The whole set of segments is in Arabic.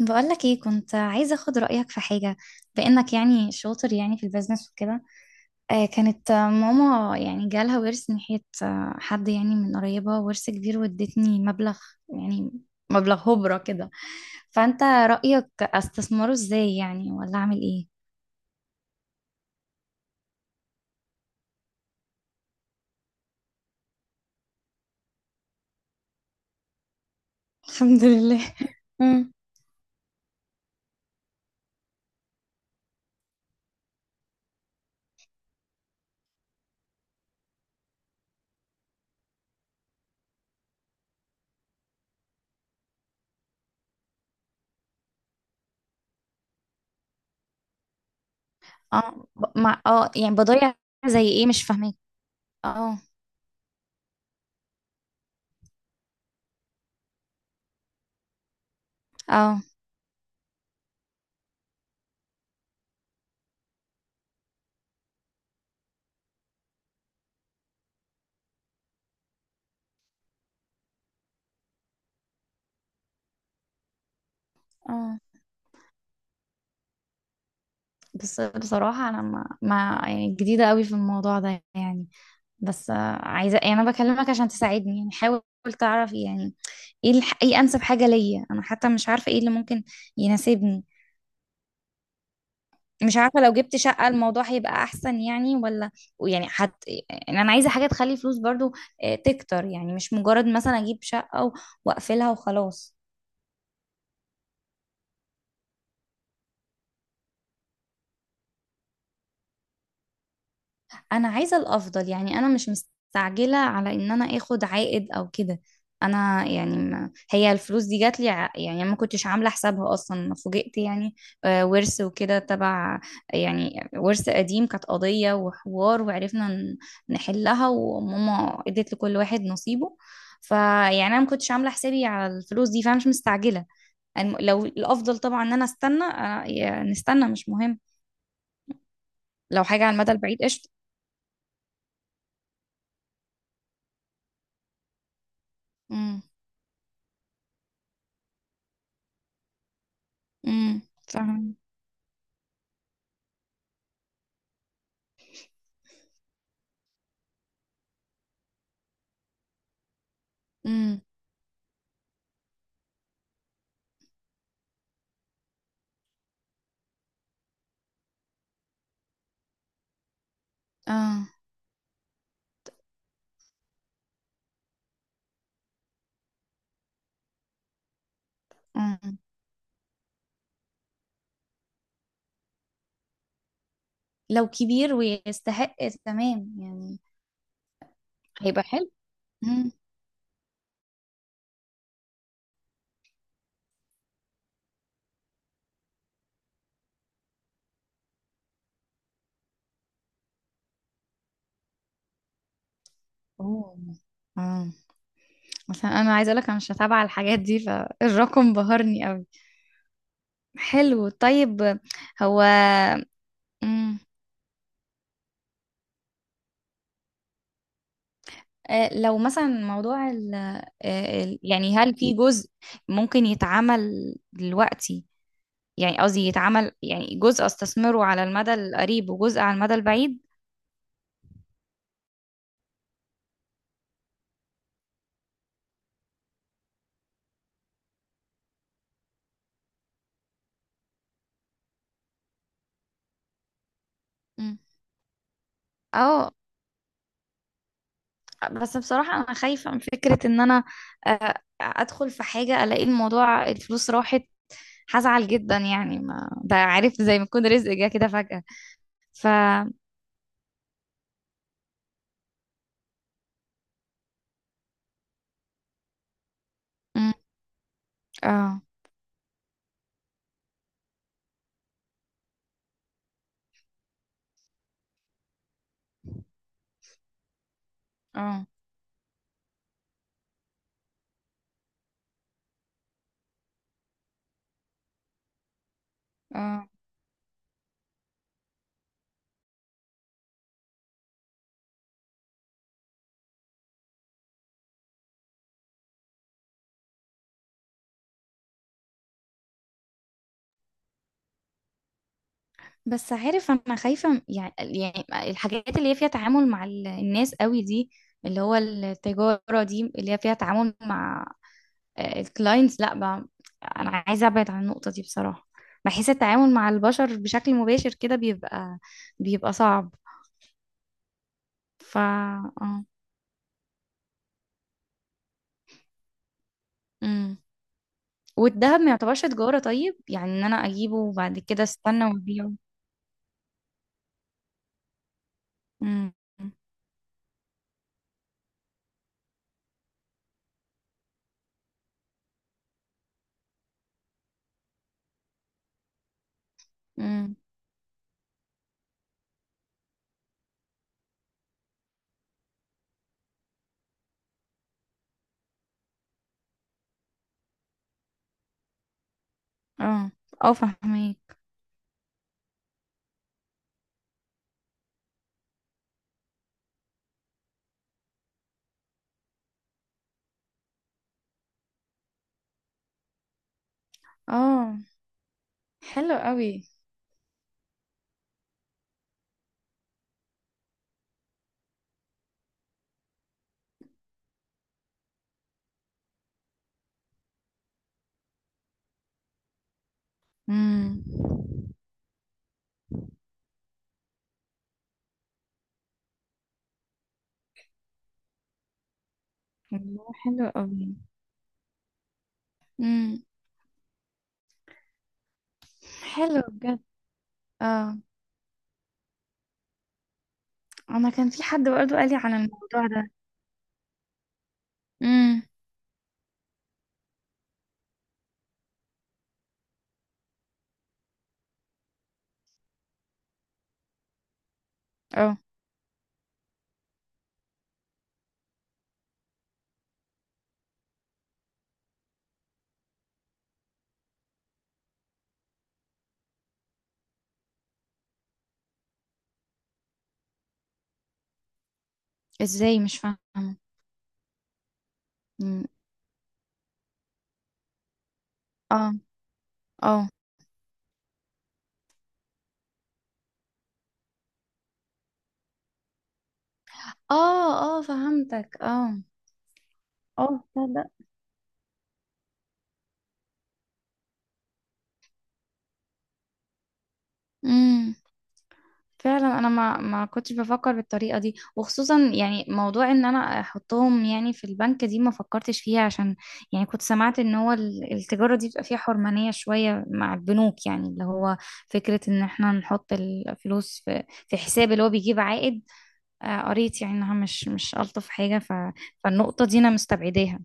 بقولك ايه، كنت عايزة اخد رأيك في حاجة. بأنك يعني شاطر يعني في البيزنس وكده. كانت ماما يعني جالها ورث من ناحية، حد يعني من قريبة ورث كبير وادتني مبلغ. يعني مبلغ هبرة كده. فأنت رأيك استثمره ازاي يعني، ولا اعمل ايه؟ الحمد لله. امم اه مع يعني بضيع. زي ايه؟ مش فاهمك. اه، اه، اه. بس بصراحة انا ما يعني جديدة قوي في الموضوع ده يعني. بس عايزة يعني، أنا بكلمك عشان تساعدني، يعني حاول تعرف يعني. ايه ايه أنسب حاجة ليا؟ أنا حتى مش عارفة ايه اللي ممكن يناسبني. مش عارفة، لو جبت شقة الموضوع هيبقى أحسن يعني ولا؟ يعني يعني أنا عايزة حاجة تخلي فلوس برضو، تكتر يعني، مش مجرد مثلا أجيب شقة وأقفلها وخلاص. انا عايزه الافضل يعني، انا مش مستعجله على ان انا اخد عائد او كده. انا يعني ما هي الفلوس دي جات لي، يعني ما كنتش عامله حسابها اصلا، أنا فوجئت يعني. ورث وكده تبع، يعني ورث قديم، كانت قضيه وحوار وعرفنا نحلها، وماما ادت لكل واحد نصيبه. فيعني انا ما كنتش عامله حسابي على الفلوس دي، فانا مش مستعجله. لو الافضل طبعا ان انا استنى، نستنى مش مهم. لو حاجه على المدى البعيد قشطه. امم امم فاهمة. امم اه. اه. لو كبير ويستحق، تمام يعني. هيبقى حلو. امم اوه. اه. عشان انا عايزه اقول لك انا مش متابعه الحاجات دي، فالرقم بهرني قوي. حلو، طيب. هو. امم لو مثلا موضوع يعني هل في جزء ممكن يتعمل دلوقتي؟ يعني قصدي يتعمل يعني جزء استثمره على المدى القريب وجزء على المدى البعيد. مم. اه. بس بصراحة أنا خايفة من فكرة إن أنا آه، أدخل في حاجة ألاقي الموضوع الفلوس راحت. هزعل جدا يعني، ما ده عارف زي ما يكون رزق جه كده فجأة. ف مم. اه. اه. اه. بس عارف، أنا خايفة يعني، يعني الحاجات اللي هي فيها تعامل مع الناس قوي دي، اللي هو التجارة دي اللي هي فيها تعامل مع الكلاينتس، لا بقى. أنا عايزة أبعد عن النقطة دي بصراحة. بحس التعامل مع البشر بشكل مباشر كده بيبقى، بيبقى صعب. اه. امم والدهب ما يعتبرش تجارة طيب يعني؟ ان انا اجيبه وبعد كده استنى وابيعه. امم امم اه. اه فاهمك. اه. حلو قوي. امم الله، حلو قوي. امم حلو بجد. اه. انا كان في حد برضه قال لي على الموضوع ده. امم اه. ازاي؟ مش فاهمه. امم اه. اه. اه. اه فهمتك. اه. اه، تصدق. امم فعلا انا ما كنتش بفكر بالطريقه دي، وخصوصا يعني موضوع ان انا احطهم يعني في البنك دي ما فكرتش فيها، عشان يعني كنت سمعت ان هو التجاره دي بيبقى فيها حرمانيه شويه مع البنوك، يعني اللي هو فكره ان احنا نحط الفلوس في في حساب اللي هو بيجيب عائد. قريت يعني انها مش الطف حاجه، فالنقطه دي انا مستبعداها.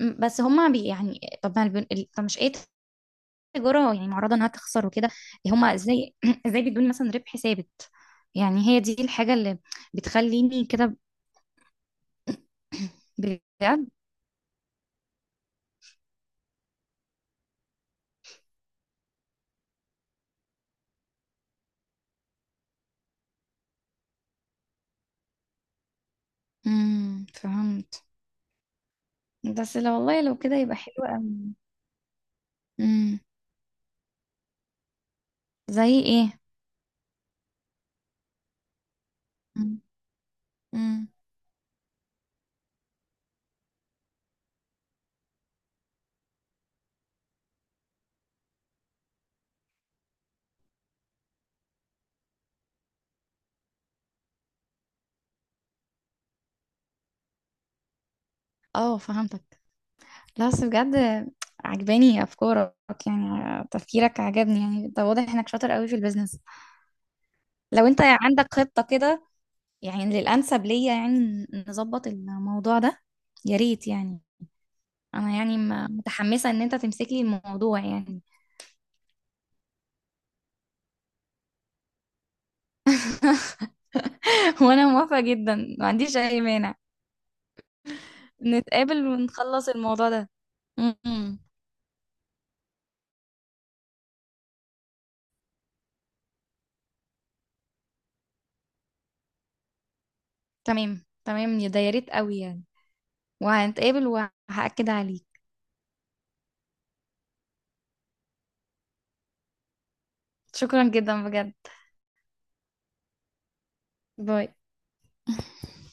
م، بس هما بي يعني، طب ما طب مش ايه؟ تجارة يعني معرضة انها تخسر وكده. إيه هما ازاي ازاي بيدوني مثلا ربح ثابت؟ يعني هي دي الحاجة اللي بتخليني كده. بجد؟ فهمت. بس لو، والله لو كده يبقى حلو قوي. امم زي ايه؟ امم أمم. اه فهمتك. لا بس بجد، عجباني افكارك، يعني تفكيرك عجبني يعني، ده واضح انك شاطر قوي في البيزنس. لو انت عندك خطة كده يعني للانسب ليا، يعني نظبط الموضوع ده، يا ريت يعني. انا يعني متحمسة ان انت تمسك لي الموضوع يعني. وانا موافقة جدا، ما عنديش اي مانع. نتقابل ونخلص الموضوع ده. امم تمام، تمام يا ده، يا ريت قوي يعني. وهنتقابل وهأكد عليك. شكرا جدا بجد. باي.